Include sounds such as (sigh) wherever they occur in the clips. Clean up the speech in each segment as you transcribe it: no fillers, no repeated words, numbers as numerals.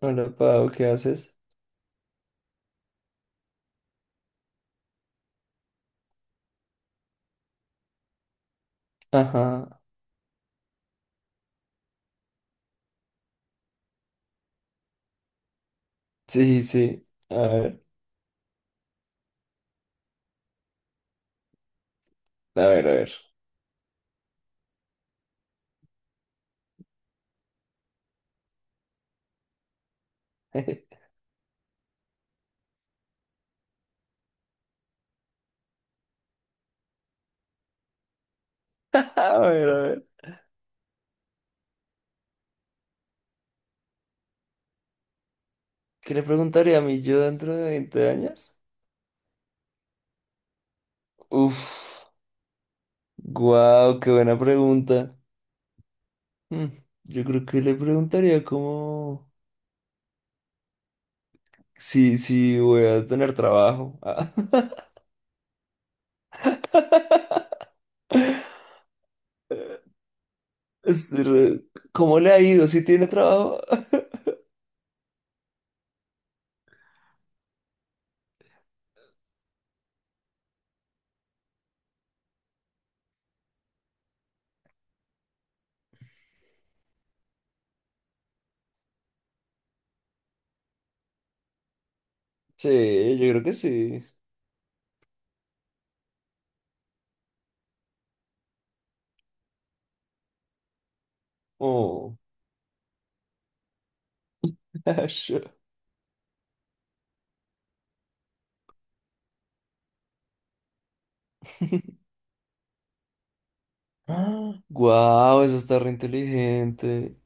Hola, Pau, ¿qué haces? Ajá. Sí, sí. A ver, a ver, a ver. (laughs) A ver, a ver. ¿Qué le preguntaría a mí yo dentro de 20 años? Uf, guau, qué buena pregunta. Mm, yo creo que le preguntaría como si voy a tener trabajo. Ah, (laughs) este, ¿cómo le ha ido? ¿Si tiene trabajo? (laughs) Sí, yo creo que sí. Oh, (laughs) sure. (laughs) Guau, eso está re inteligente.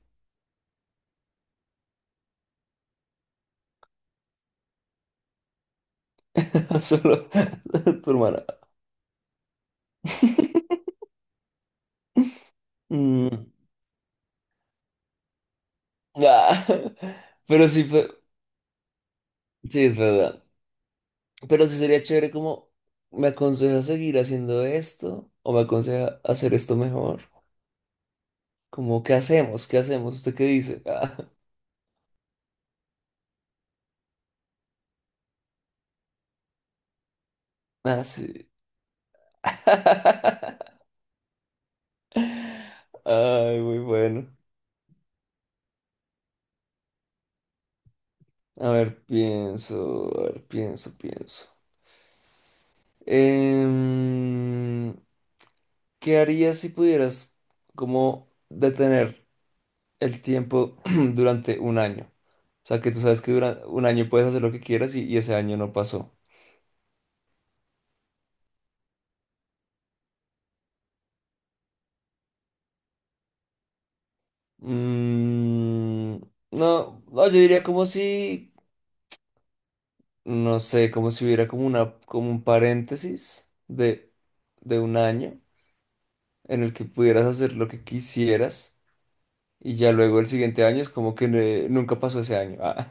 (laughs) Solo (laughs) tu hermana. (laughs) Mm, ah, (laughs) pero sí fue, sí es verdad. Pero sí sería chévere como, ¿me aconseja seguir haciendo esto? ¿O me aconseja hacer esto mejor? Como, ¿qué hacemos? ¿Qué hacemos? ¿Usted qué dice? (laughs) Ah, ah, sí. (laughs) Ay, muy bueno. A ver, pienso, pienso. Em, ¿Qué harías si pudieras como detener el tiempo (clears throat) durante un año? O sea, que tú sabes que durante un año puedes hacer lo que quieras y ese año no pasó. Mm, no, no, yo diría como si, no sé, como si hubiera como un paréntesis de, un año en el que pudieras hacer lo que quisieras y ya luego el siguiente año es como que nunca pasó ese año. Ah.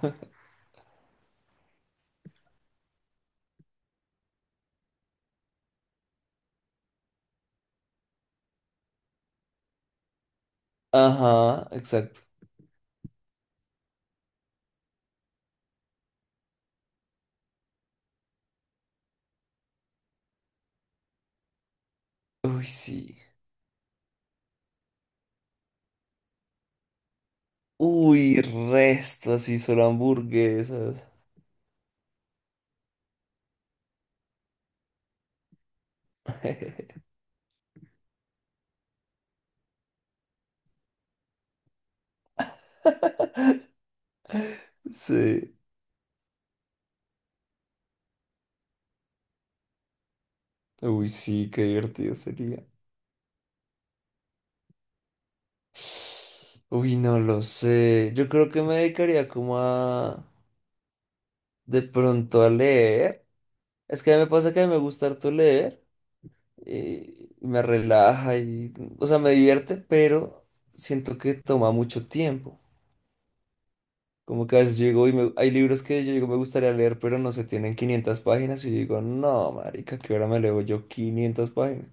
(laughs) Ajá, exacto. Uy, sí. Uy, resto, así solo hamburguesas. (laughs) Sí. Uy, sí, qué divertido sería. Uy, no lo sé. Yo creo que me dedicaría como a de pronto a leer. Es que me pasa que a mí me gusta harto leer, y me relaja y, o sea, me divierte, pero siento que toma mucho tiempo. Como que a veces llego y hay libros que yo digo me gustaría leer, pero no se tienen 500 páginas y yo digo, no, marica, ¿qué hora me leo yo 500 páginas?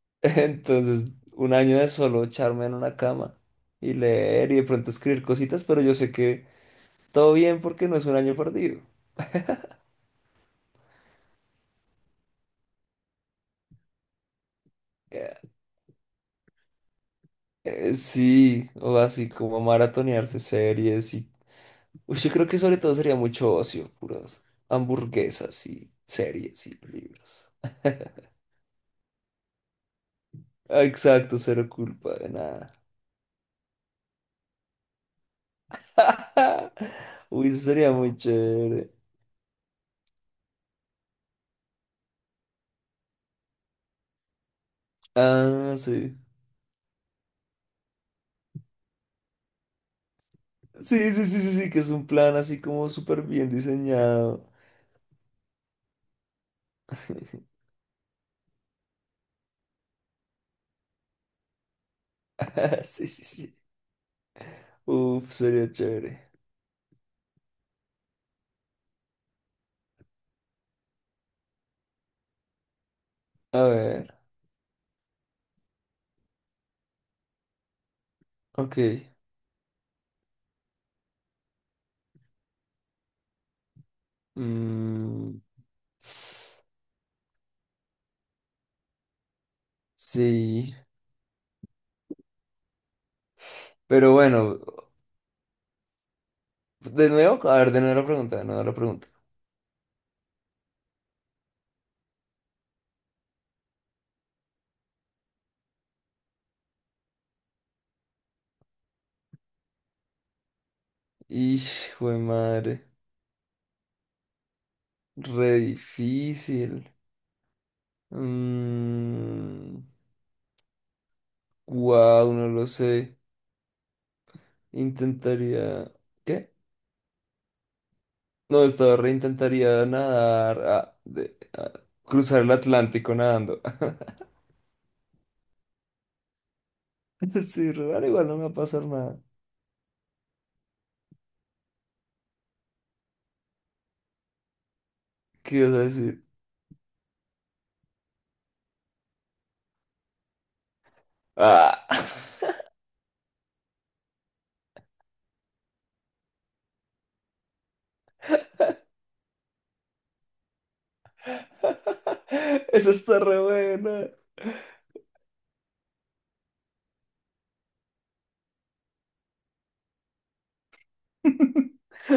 (laughs) Entonces, un año de solo echarme en una cama y leer y de pronto escribir cositas, pero yo sé que todo bien porque no es un año perdido. Eh, sí, o así como maratonearse series y... Uy, yo creo que sobre todo sería mucho ocio, puras hamburguesas y series y libros. Ah, exacto, cero culpa de nada. (laughs) Uy, eso sería muy chévere. Ah, sí. Sí, sí, sí, sí, sí, que es un plan así como súper bien diseñado. (laughs) (laughs) Sí, sí, sí. Uf, sería chévere. A ver, ok. Mm, sí, pero bueno, de nuevo, a ver, de nuevo la pregunta, de nuevo la pregunta. Hijo de madre, re difícil. Mm, wow, no lo sé. Intentaría. ¿Qué? No, estaba re intentaría nadar, cruzar el Atlántico nadando. (laughs) Sí, re, igual no me va a pasar nada. ¿Qué ibas a decir? Ah, (laughs) esa está re buena.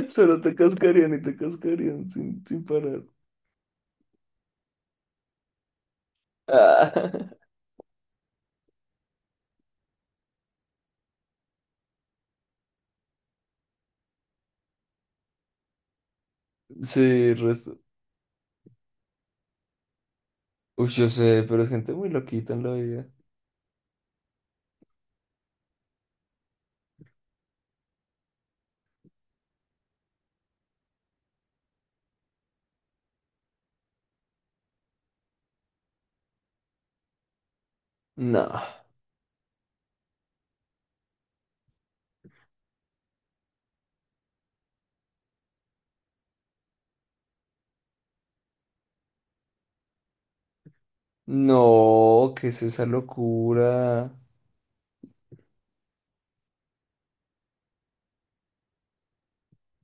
Solo te cascarían y te cascarían sin parar. Ah, (laughs) sí, resto. Uy, yo sé, pero es gente muy loquita en la vida. No, no, ¿qué es esa locura?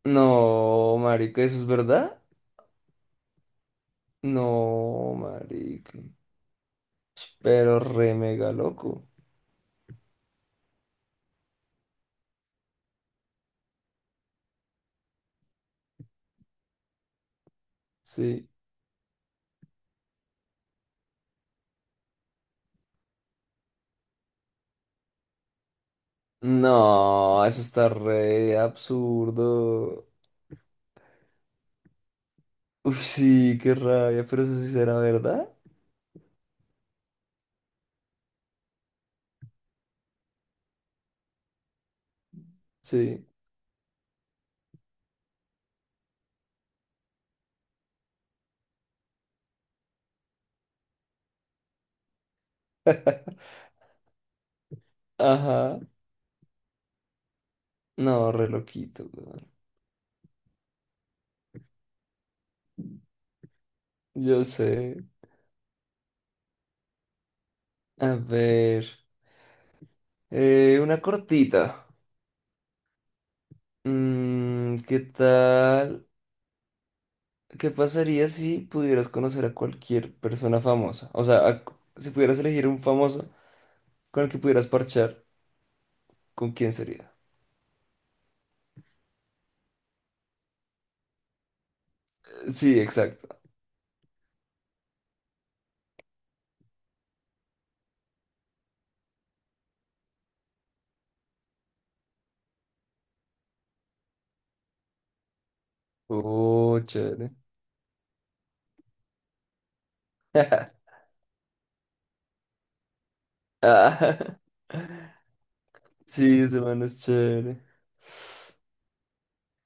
No, marica, ¿eso es verdad? No, marica. Pero re mega loco. Sí. No, eso está re absurdo. Uf, sí, qué rabia, pero eso sí será verdad. Sí. Ajá. No, re loquito, weón. Yo sé. A ver. Una cortita. ¿Qué tal? ¿Qué pasaría si pudieras conocer a cualquier persona famosa? O sea, si pudieras elegir un famoso con el que pudieras parchar, ¿con quién sería? Sí, exacto. Oh, chévere. (laughs) Ah, (laughs) Sí, ese man es chévere.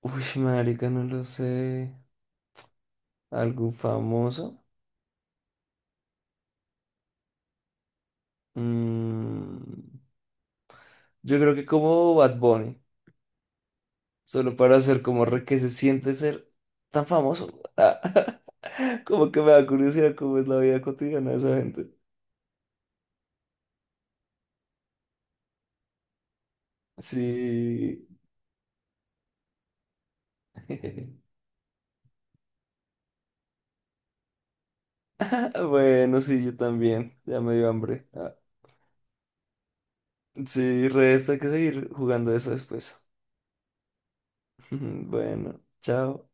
Uy, marica, no lo sé. ¿Algún famoso? Mm, yo creo que como Bad Bunny, solo para hacer como re que se siente ser tan famoso. (laughs) Como que me da curiosidad cómo es la vida cotidiana de esa gente. Sí. (laughs) Bueno, sí, yo también. Ya me dio hambre. Ah, sí, resta hay que seguir jugando eso después. (laughs) Bueno, chao.